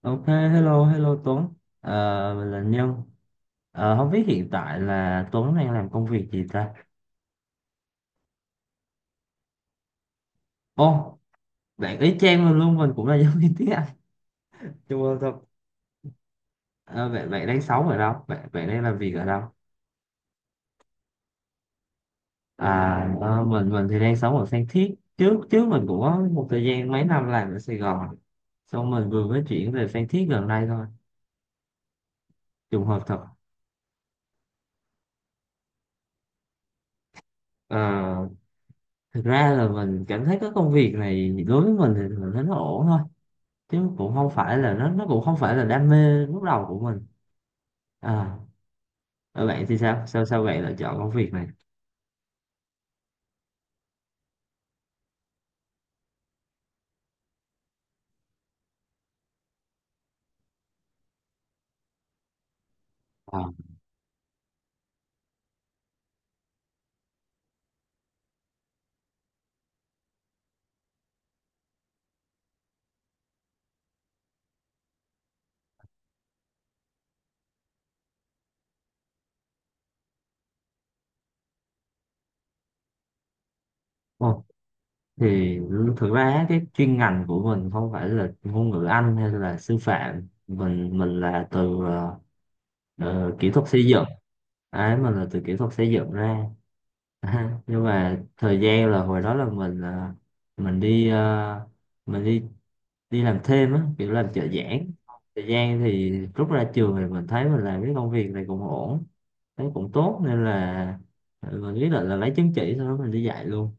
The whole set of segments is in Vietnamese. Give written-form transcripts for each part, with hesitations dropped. Ok, hello Tuấn. Mình là Nhân. Không biết hiện tại là Tuấn đang làm công việc gì ta? Ô, bạn ý chang mình luôn, mình cũng là giáo viên tiếng Anh. Chua thật. Bạn đang sống ở đâu? Bạn đang làm việc ở đâu? À, mình thì đang sống ở Phan Thiết. Trước trước mình cũng có một thời gian mấy năm làm ở Sài Gòn. Xong mình vừa mới chuyển về Phan Thiết gần đây thôi. Trùng hợp thật. À, thực ra là mình cảm thấy cái công việc này đối với mình thì mình thấy nó ổn thôi, chứ cũng không phải là nó cũng không phải là đam mê lúc đầu của mình. À ở bạn thì sao sao sao bạn lại chọn công việc này? À ồ, thì thực ra cái chuyên ngành của mình không phải là ngôn ngữ Anh hay là sư phạm, mình là từ kỹ thuật xây dựng. Đấy, mình là từ kỹ thuật xây dựng ra. Nhưng mà thời gian là hồi đó là mình ờ, mình đi đi làm thêm á, kiểu làm trợ giảng. Thời gian thì rút ra trường thì mình thấy mình làm cái công việc này cũng ổn. Thấy cũng tốt nên là mình quyết định là lấy chứng chỉ, sau đó mình đi dạy luôn.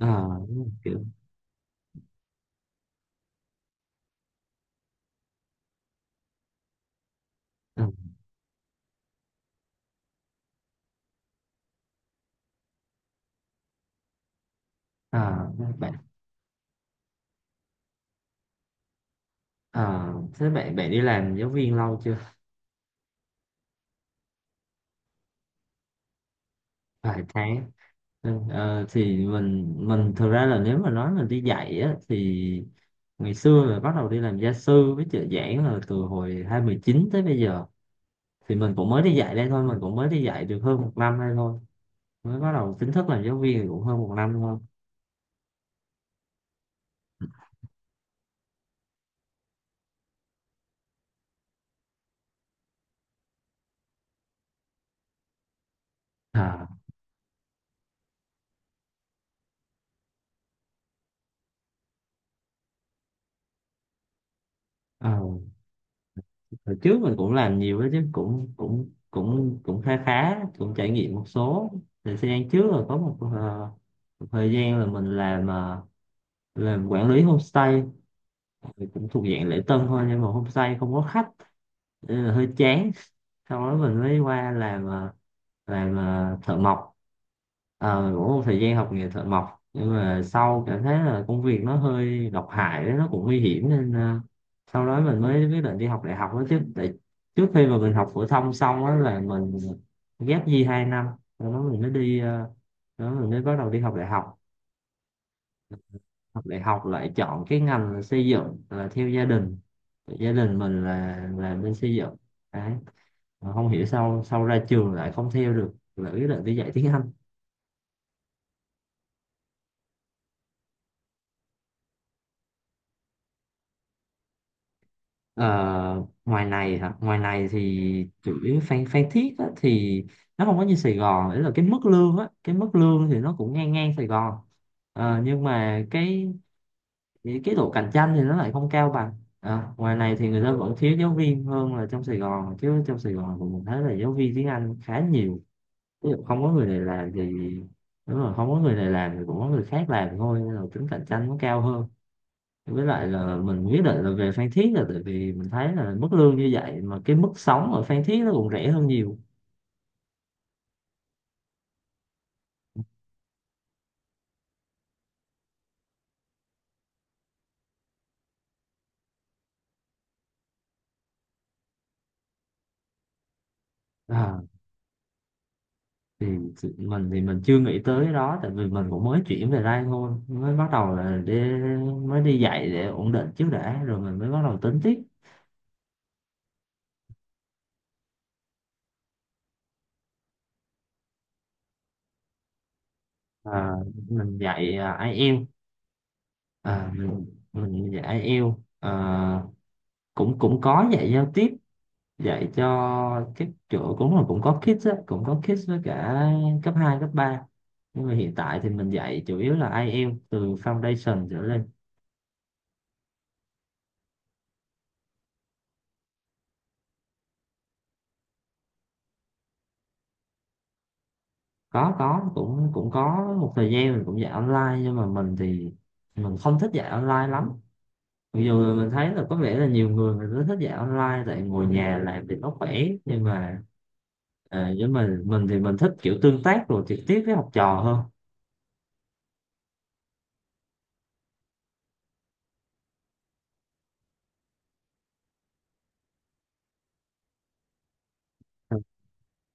À, kiểu ờ, ờ, bạn à, thế bạn bạn đi làm giáo viên lâu chưa? Vài tháng. Ừ, thì mình thực ra là nếu mà nói mình đi dạy á, thì ngày xưa là bắt đầu đi làm gia sư với trợ giảng là từ hồi 2019 tới bây giờ. Thì mình cũng mới đi dạy đây thôi, mình cũng mới đi dạy được hơn một năm đây thôi. Mới bắt đầu chính thức làm giáo viên thì cũng hơn một năm thôi. À, ờ. hồi trước mình cũng làm nhiều đó chứ, cũng cũng cũng cũng khá khá, cũng trải nghiệm một số. Thời gian trước là có một thời gian là mình làm làm quản lý homestay. Thì cũng thuộc dạng lễ tân thôi, nhưng mà homestay không có khách nên là hơi chán. Sau đó mình mới qua làm thợ mộc. Ờ, cũng một thời gian học nghề thợ mộc, nhưng mà sau cảm thấy là công việc nó hơi độc hại đấy, nó cũng nguy hiểm nên sau đó mình mới quyết định đi học đại học đó chứ, tại trước khi mà mình học phổ thông xong á là mình ghép gì 2 năm, sau đó mình mới đi ờ, đó mình mới bắt đầu đi học đại học. Học đại học lại chọn cái ngành là xây dựng, là theo gia đình. Gia đình mình là bên xây dựng. Đấy, mà không hiểu sao sau ra trường lại không theo được, lại quyết định đi dạy tiếng Anh. Ờ, ngoài này hả? Ngoài này thì chủ yếu Phan Phan Thiết á, thì nó không có như Sài Gòn đấy, là cái mức lương á, cái mức lương thì nó cũng ngang ngang Sài Gòn. Ờ, nhưng mà cái độ cạnh tranh thì nó lại không cao bằng. Ờ, ngoài này thì người ta vẫn thiếu giáo viên hơn là trong Sài Gòn, chứ trong Sài Gòn thì mình thấy là giáo viên tiếng Anh khá nhiều. Ví dụ không có người này làm thì, đúng rồi, không có người này làm thì cũng có người khác làm thôi, nên là tính cạnh tranh nó cao hơn. Với lại là mình quyết định là về Phan Thiết là tại vì mình thấy là mức lương như vậy mà cái mức sống ở Phan Thiết nó cũng rẻ hơn nhiều. À, thì thì mình thì mình chưa nghĩ tới cái đó, tại vì mình cũng mới chuyển về đây thôi, mới bắt đầu là đi, mới đi dạy để ổn định trước đã, rồi mình mới bắt đầu tính tiếp. À, mình dạy IELTS. À, mình, mình dạy IELTS. À, cũng cũng có dạy giao tiếp, dạy cho các chỗ, cũng là cũng có kids á, cũng có kids với cả cấp 2 cấp ba, nhưng mà hiện tại thì mình dạy chủ yếu là IELTS từ foundation trở lên. Có, cũng cũng có một thời gian mình cũng dạy online, nhưng mà mình thì mình không thích dạy online lắm. Mặc dù là mình thấy là có vẻ là nhiều người người ta thích dạy online tại ngồi nhà làm thì nó khỏe, nhưng mà. Với mình thì mình thích kiểu tương tác rồi trực tiếp với học trò hơn.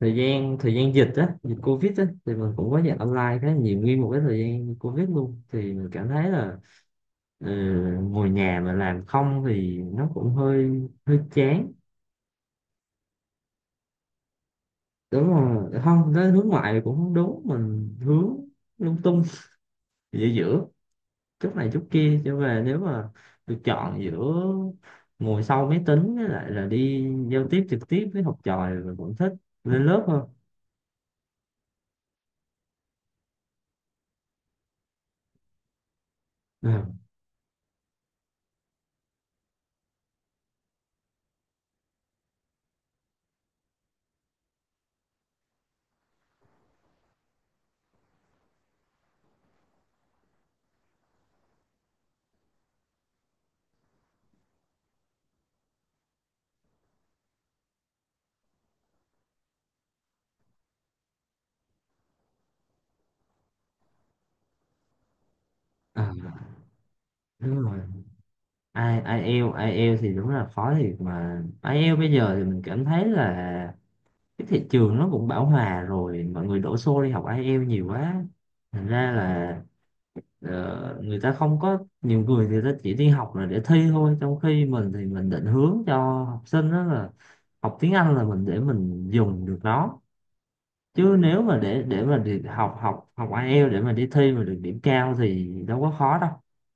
Thời gian dịch á, dịch covid á, thì mình cũng có dạy online khá là nhiều, nguyên một cái thời gian covid luôn, thì mình cảm thấy là ừ, ngồi nhà mà làm không thì nó cũng hơi hơi chán. Đúng rồi, không, nó hướng ngoại cũng không đúng, mình hướng lung tung, giữa giữa chút này chút kia, cho về nếu mà được chọn giữa ngồi sau máy tính với lại là đi giao tiếp trực tiếp với học trò thì mình vẫn thích lên lớp hơn. Ừ. à, đúng rồi, ai IELTS IELTS thì đúng là khó thiệt, mà ai IELTS bây giờ thì mình cảm thấy là cái thị trường nó cũng bão hòa rồi, mọi người đổ xô đi học IELTS nhiều quá, thành ra là người ta không có nhiều, người thì ta chỉ đi học là để thi thôi, trong khi mình thì mình định hướng cho học sinh đó là học tiếng Anh là mình để mình dùng được nó. Chứ nếu mà để mà đi học học học IELTS để mà đi thi mà được điểm cao thì đâu có khó đâu.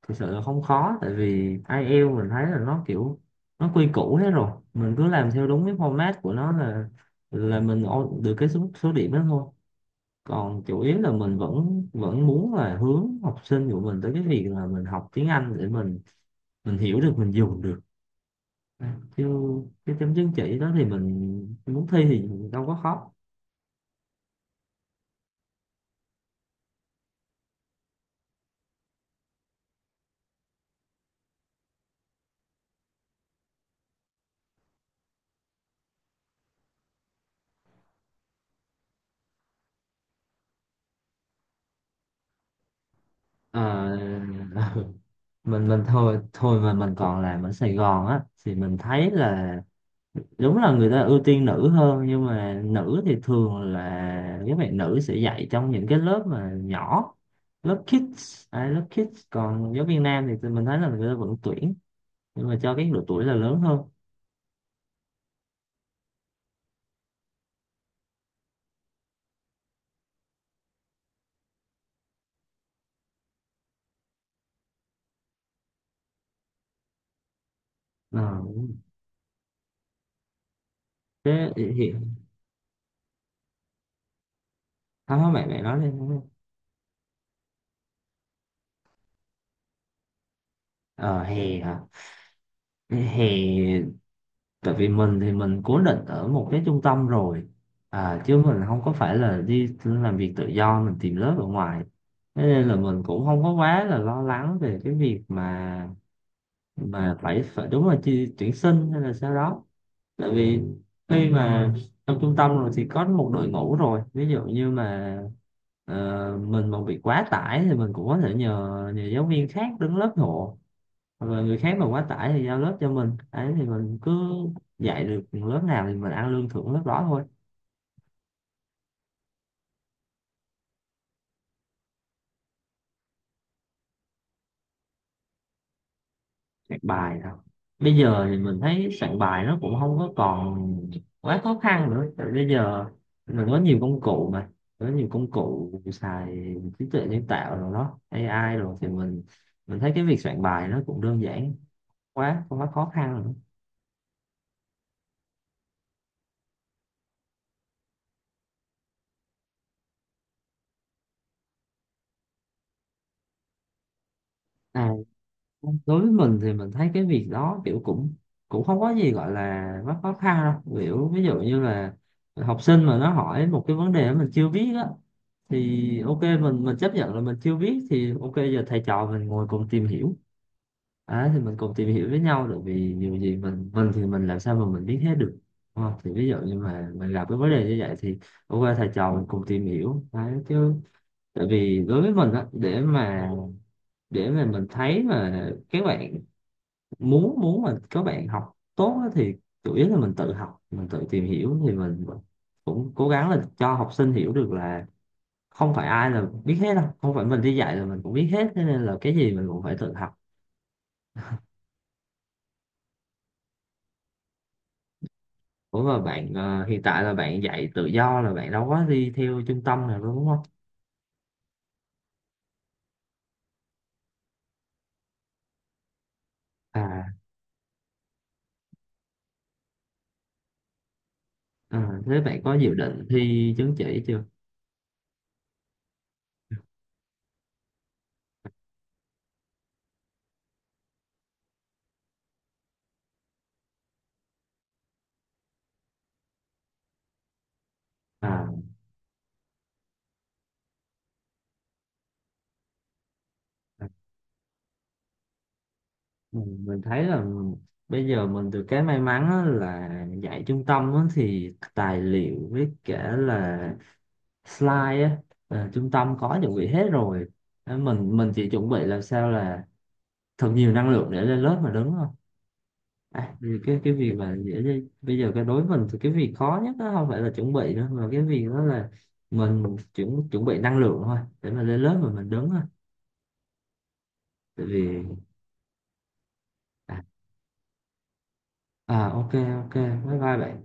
Thực sự là không khó, tại vì IELTS mình thấy là nó kiểu nó quy củ hết rồi, mình cứ làm theo đúng cái format của nó là được cái số số điểm đó thôi. Còn chủ yếu là mình vẫn vẫn muốn là hướng học sinh của mình tới cái việc là mình học tiếng Anh để mình hiểu được, mình dùng được. Chứ cái chấm chứng chỉ đó thì mình muốn thi thì đâu có khó. Ờ, mình thôi thôi mà mình còn làm ở Sài Gòn á, thì mình thấy là đúng là người ta ưu tiên nữ hơn, nhưng mà nữ thì thường là các bạn nữ sẽ dạy trong những cái lớp mà nhỏ. Lớp kids à, lớp kids, còn giáo viên nam thì tụi mình thấy là người ta vẫn tuyển, nhưng mà cho cái độ tuổi là lớn hơn. Ờ, thế hiện. Không, không, bạn bạn nói đi. Ờ hè hả? Hè. Tại vì mình thì mình cố định ở một cái trung tâm rồi. Chứ mình không có phải là đi làm việc tự do mình tìm lớp ở ngoài. Thế nên là mình cũng không có quá là lo lắng về cái việc mà phải phải đúng là chi, tuyển sinh hay là sao đó. Tại vì khi mà trong trung tâm rồi thì có một đội ngũ rồi, ví dụ như mà ờ, mình mà bị quá tải thì mình cũng có thể nhờ nhờ giáo viên khác đứng lớp hộ. Hoặc là người khác mà quá tải thì giao lớp cho mình ấy, thì mình cứ dạy được lớp nào thì mình ăn lương thưởng lớp đó thôi. Soạn bài nào. Bây giờ thì mình thấy soạn bài nó cũng không có còn quá khó khăn nữa, tại bây giờ mình có nhiều công cụ mà, có nhiều công cụ xài trí tuệ nhân tạo rồi đó, AI rồi thì mình thấy cái việc soạn bài nó cũng đơn giản, quá không quá khó khăn nữa. À đối với mình thì mình thấy cái việc đó kiểu, cũng cũng không có gì gọi là quá khó khăn đâu, kiểu ví dụ như là học sinh mà nó hỏi một cái vấn đề mà mình chưa biết á. Thì ok, mình chấp nhận là mình chưa biết, thì ok, giờ thầy trò mình ngồi cùng tìm hiểu. Thì mình cùng tìm hiểu với nhau, tại vì nhiều gì mình thì mình làm sao mà mình biết hết được? Đúng không? Thì ví dụ như mà mình gặp cái vấn đề như vậy thì ok thầy trò mình cùng tìm hiểu. Đấy, chứ tại vì đối với mình á, để mà mình thấy mà các bạn muốn muốn mà các bạn học tốt á, thì chủ yếu là mình tự học mình tự tìm hiểu. Thì mình cũng cố gắng là cho học sinh hiểu được là không phải ai là biết hết đâu, không phải mình đi dạy là mình cũng biết hết, thế nên là cái gì mình cũng phải tự học. Ủa mà bạn hiện tại là bạn dạy tự do là bạn đâu có đi theo trung tâm nào đâu, đúng không? À, à thế bạn có dự định thi chứng chỉ chưa? À à, mình mình thấy là bây giờ mình được cái may mắn á là dạy trung tâm á, thì tài liệu với cả là slide á, trung tâm có chuẩn bị hết rồi. Ờ, mình chỉ chuẩn bị làm sao là thật nhiều năng lượng để lên lớp mà, đúng không? Thì cái việc mà dễ bây giờ cái, đối với mình thì cái việc khó nhất đó không phải là chuẩn bị nữa, mà cái việc đó là mình chuẩn chuẩn bị năng lượng thôi để mà lên lớp mà mình đứng thôi. Tại vì, à, ok, ok, bye bye bạn.